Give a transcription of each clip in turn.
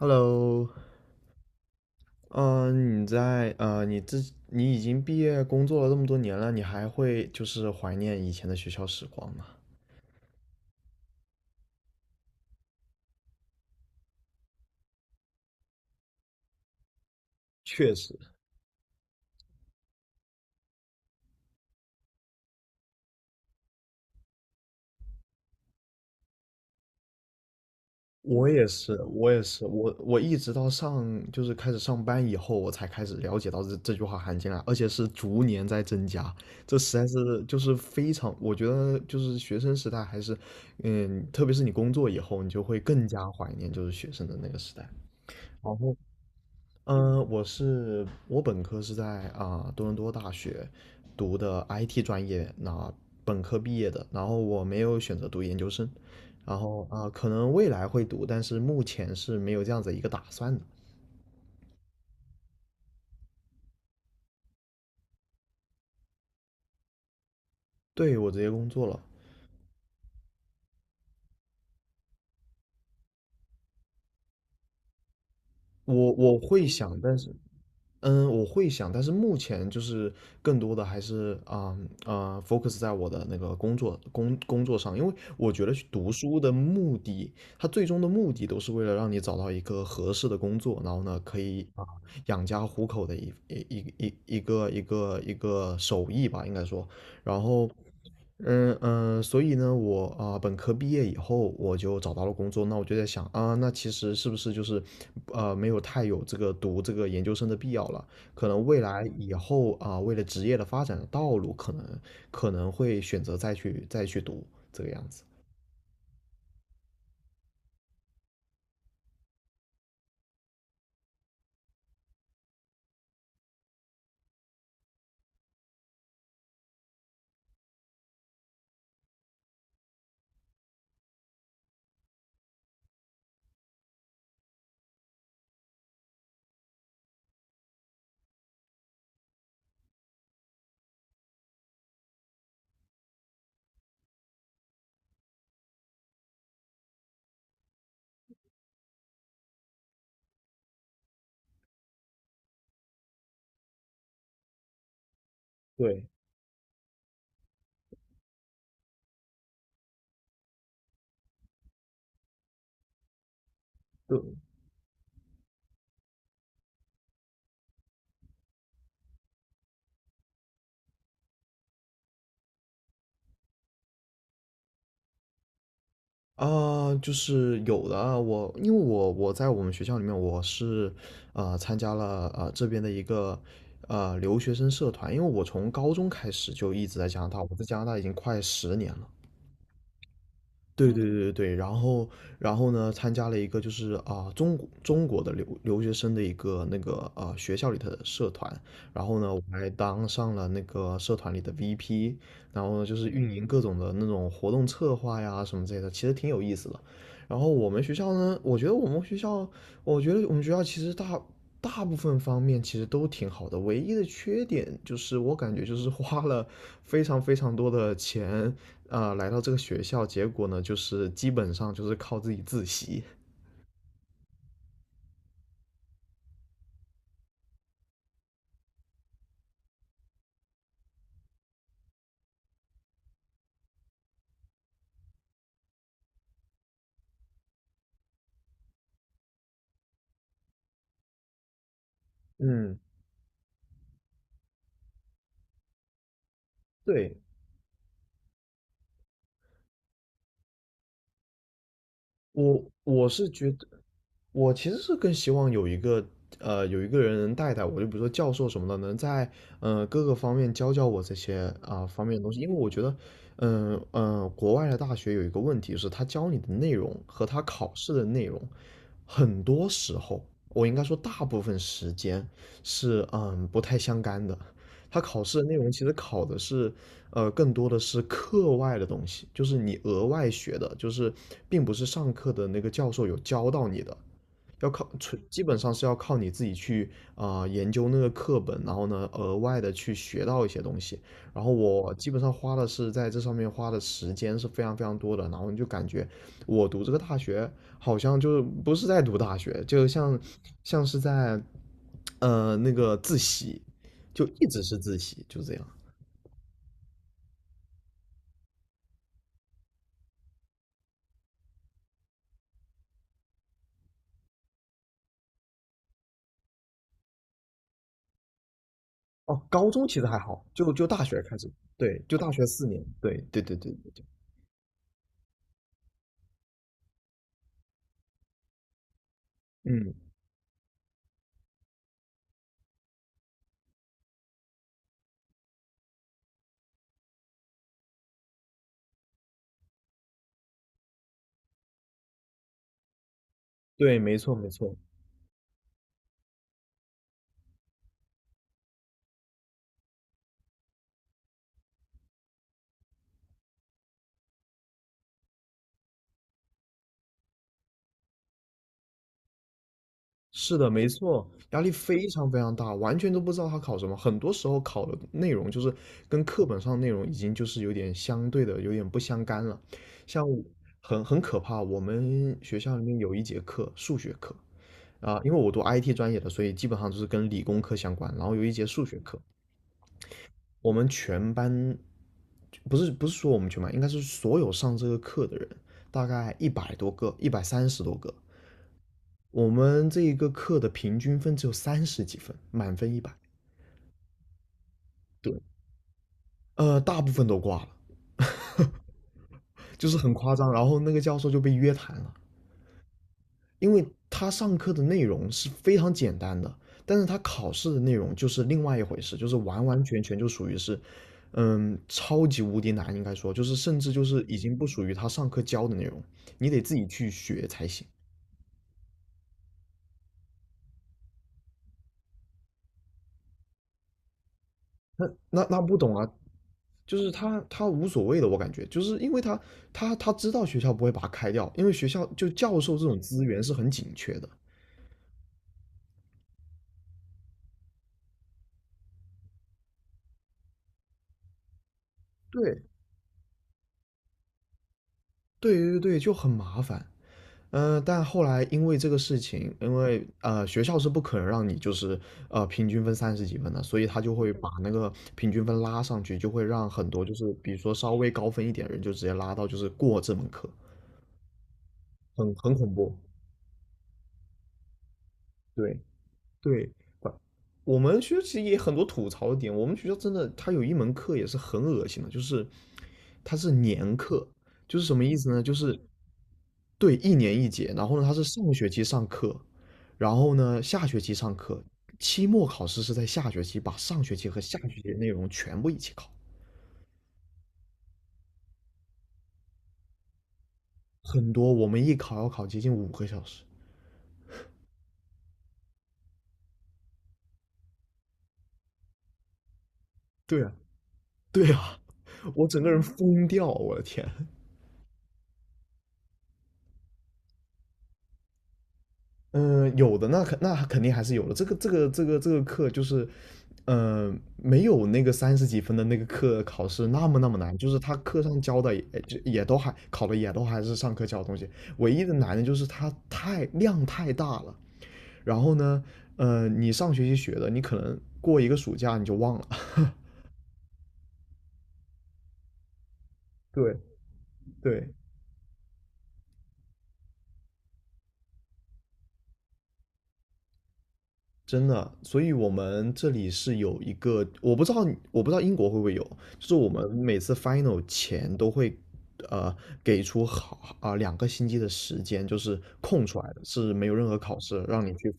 Hello，你已经毕业工作了这么多年了，你还会就是怀念以前的学校时光吗？确实，我也是，我一直到就是开始上班以后，我才开始了解到这句话含金量，而且是逐年在增加，这实在是就是非常，我觉得就是学生时代还是，特别是你工作以后，你就会更加怀念就是学生的那个时代。然后。我本科是在多伦多大学读的 IT 专业，那本科毕业的，然后我没有选择读研究生，然后可能未来会读，但是目前是没有这样子一个打算的。对，我直接工作了，我会想，但是我会想，但是目前就是更多的还是focus 在我的那个工作上，因为我觉得去读书的目的，它最终的目的都是为了让你找到一个合适的工作，然后呢，可以养家糊口的一个手艺吧，应该说，然后所以呢，我本科毕业以后，我就找到了工作。那我就在想啊，那其实是不是就是，没有太有这个读这个研究生的必要了？可能未来以后为了职业的发展的道路，可能会选择再去读这个样子。对，对啊，就是有的啊，我因为我在我们学校里面，参加了这边的一个留学生社团，因为我从高中开始就一直在加拿大，我在加拿大已经快10年了。对对对对，然后呢，参加了一个就是中国的留学生的一个那个学校里的社团，然后呢，我还当上了那个社团里的 VP，然后呢就是运营各种的那种活动策划呀什么之类的，其实挺有意思的。然后我们学校呢，我觉得我们学校其实大部分方面其实都挺好的，唯一的缺点就是我感觉就是花了非常非常多的钱，来到这个学校，结果呢，就是基本上就是靠自己自习。嗯，对。我是觉得，我其实是更希望有一个人能带带我，就比如说教授什么的，能在各个方面教教我这些方面的东西，因为我觉得，国外的大学有一个问题是，他教你的内容和他考试的内容，很多时候我应该说大部分时间是不太相干的。他考试的内容其实考的是更多的是课外的东西，就是你额外学的，就是并不是上课的那个教授有教到你的，要靠基本上是要靠你自己去研究那个课本，然后呢额外的去学到一些东西。然后我基本上花的是在这上面花的时间是非常非常多的，然后你就感觉我读这个大学好像就是不是在读大学，就像是在那个自习，就一直是自习，就这样。哦，高中其实还好，就大学开始，对，就大学4年，对，对对对对，嗯，对对，没错没错，是的，没错，压力非常非常大，完全都不知道他考什么，很多时候考的内容就是跟课本上的内容已经就是有点相对的，有点不相干了，像我很可怕，我们学校里面有一节课数学课啊，因为我读 IT 专业的，所以基本上就是跟理工科相关，然后有一节数学课，我们全班不是说我们全班，应该是所有上这个课的人，大概100多个，130多个。我们这一个课的平均分只有三十几分，满分一百。对，大部分都挂了，就是很夸张。然后那个教授就被约谈了，因为他上课的内容是非常简单的，但是他考试的内容就是另外一回事，就是完完全全就属于是，超级无敌难，应该说就是甚至就是已经不属于他上课教的内容，你得自己去学才行。那不懂啊，就是他无所谓的，我感觉就是因为他知道学校不会把他开掉，因为学校就教授这种资源是很紧缺的。对对对对，就很麻烦。但后来因为这个事情，因为学校是不可能让你就是平均分三十几分的，所以他就会把那个平均分拉上去，就会让很多就是比如说稍微高分一点的人就直接拉到就是过这门课，很恐怖。对，对，管我们学校其实也很多吐槽的点。我们学校真的，它有一门课也是很恶心的，就是它是年课，就是什么意思呢？就是对，一年一节。然后呢，它是上学期上课，然后呢下学期上课。期末考试是在下学期把上学期和下学期的内容全部一起考，很多我们一考要考接近5个小时。对啊，对啊，我整个人疯掉，我的天。嗯，有的那肯那肯定还是有的。这个课就是没有那个三十几分的那个课考试那么那么难，就是他课上教的也就也都还考的也都还是上课教的东西，唯一的难的就是它太量太大了。然后呢，你上学期学的，你可能过一个暑假你就忘了。对对，真的，所以我们这里是有一个，我不知道，我不知道英国会不会有，就是我们每次 final 前都会，呃，给出2个星期的时间，就是空出来的，是没有任何考试，让你去，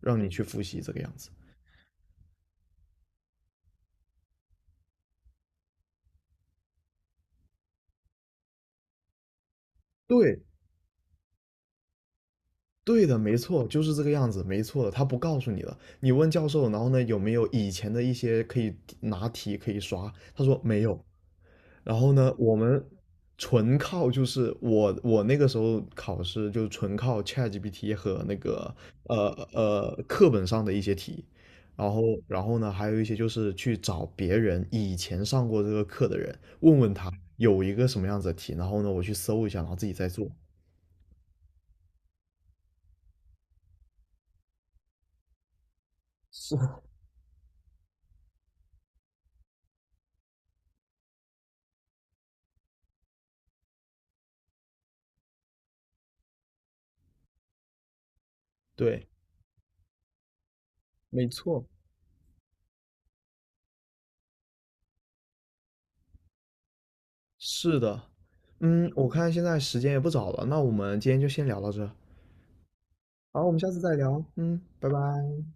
复习这个样子。对，对的，没错，就是这个样子，没错的，他不告诉你了，你问教授，然后呢，有没有以前的一些可以拿题可以刷？他说没有。然后呢，我们纯靠就是我那个时候考试就是纯靠 ChatGPT 和那个呃课本上的一些题，然后然后呢还有一些就是去找别人以前上过这个课的人，问问他有一个什么样子的题，然后呢我去搜一下，然后自己再做。是，对，没错。是的，嗯，我看现在时间也不早了，那我们今天就先聊到这，好，我们下次再聊，嗯，拜拜。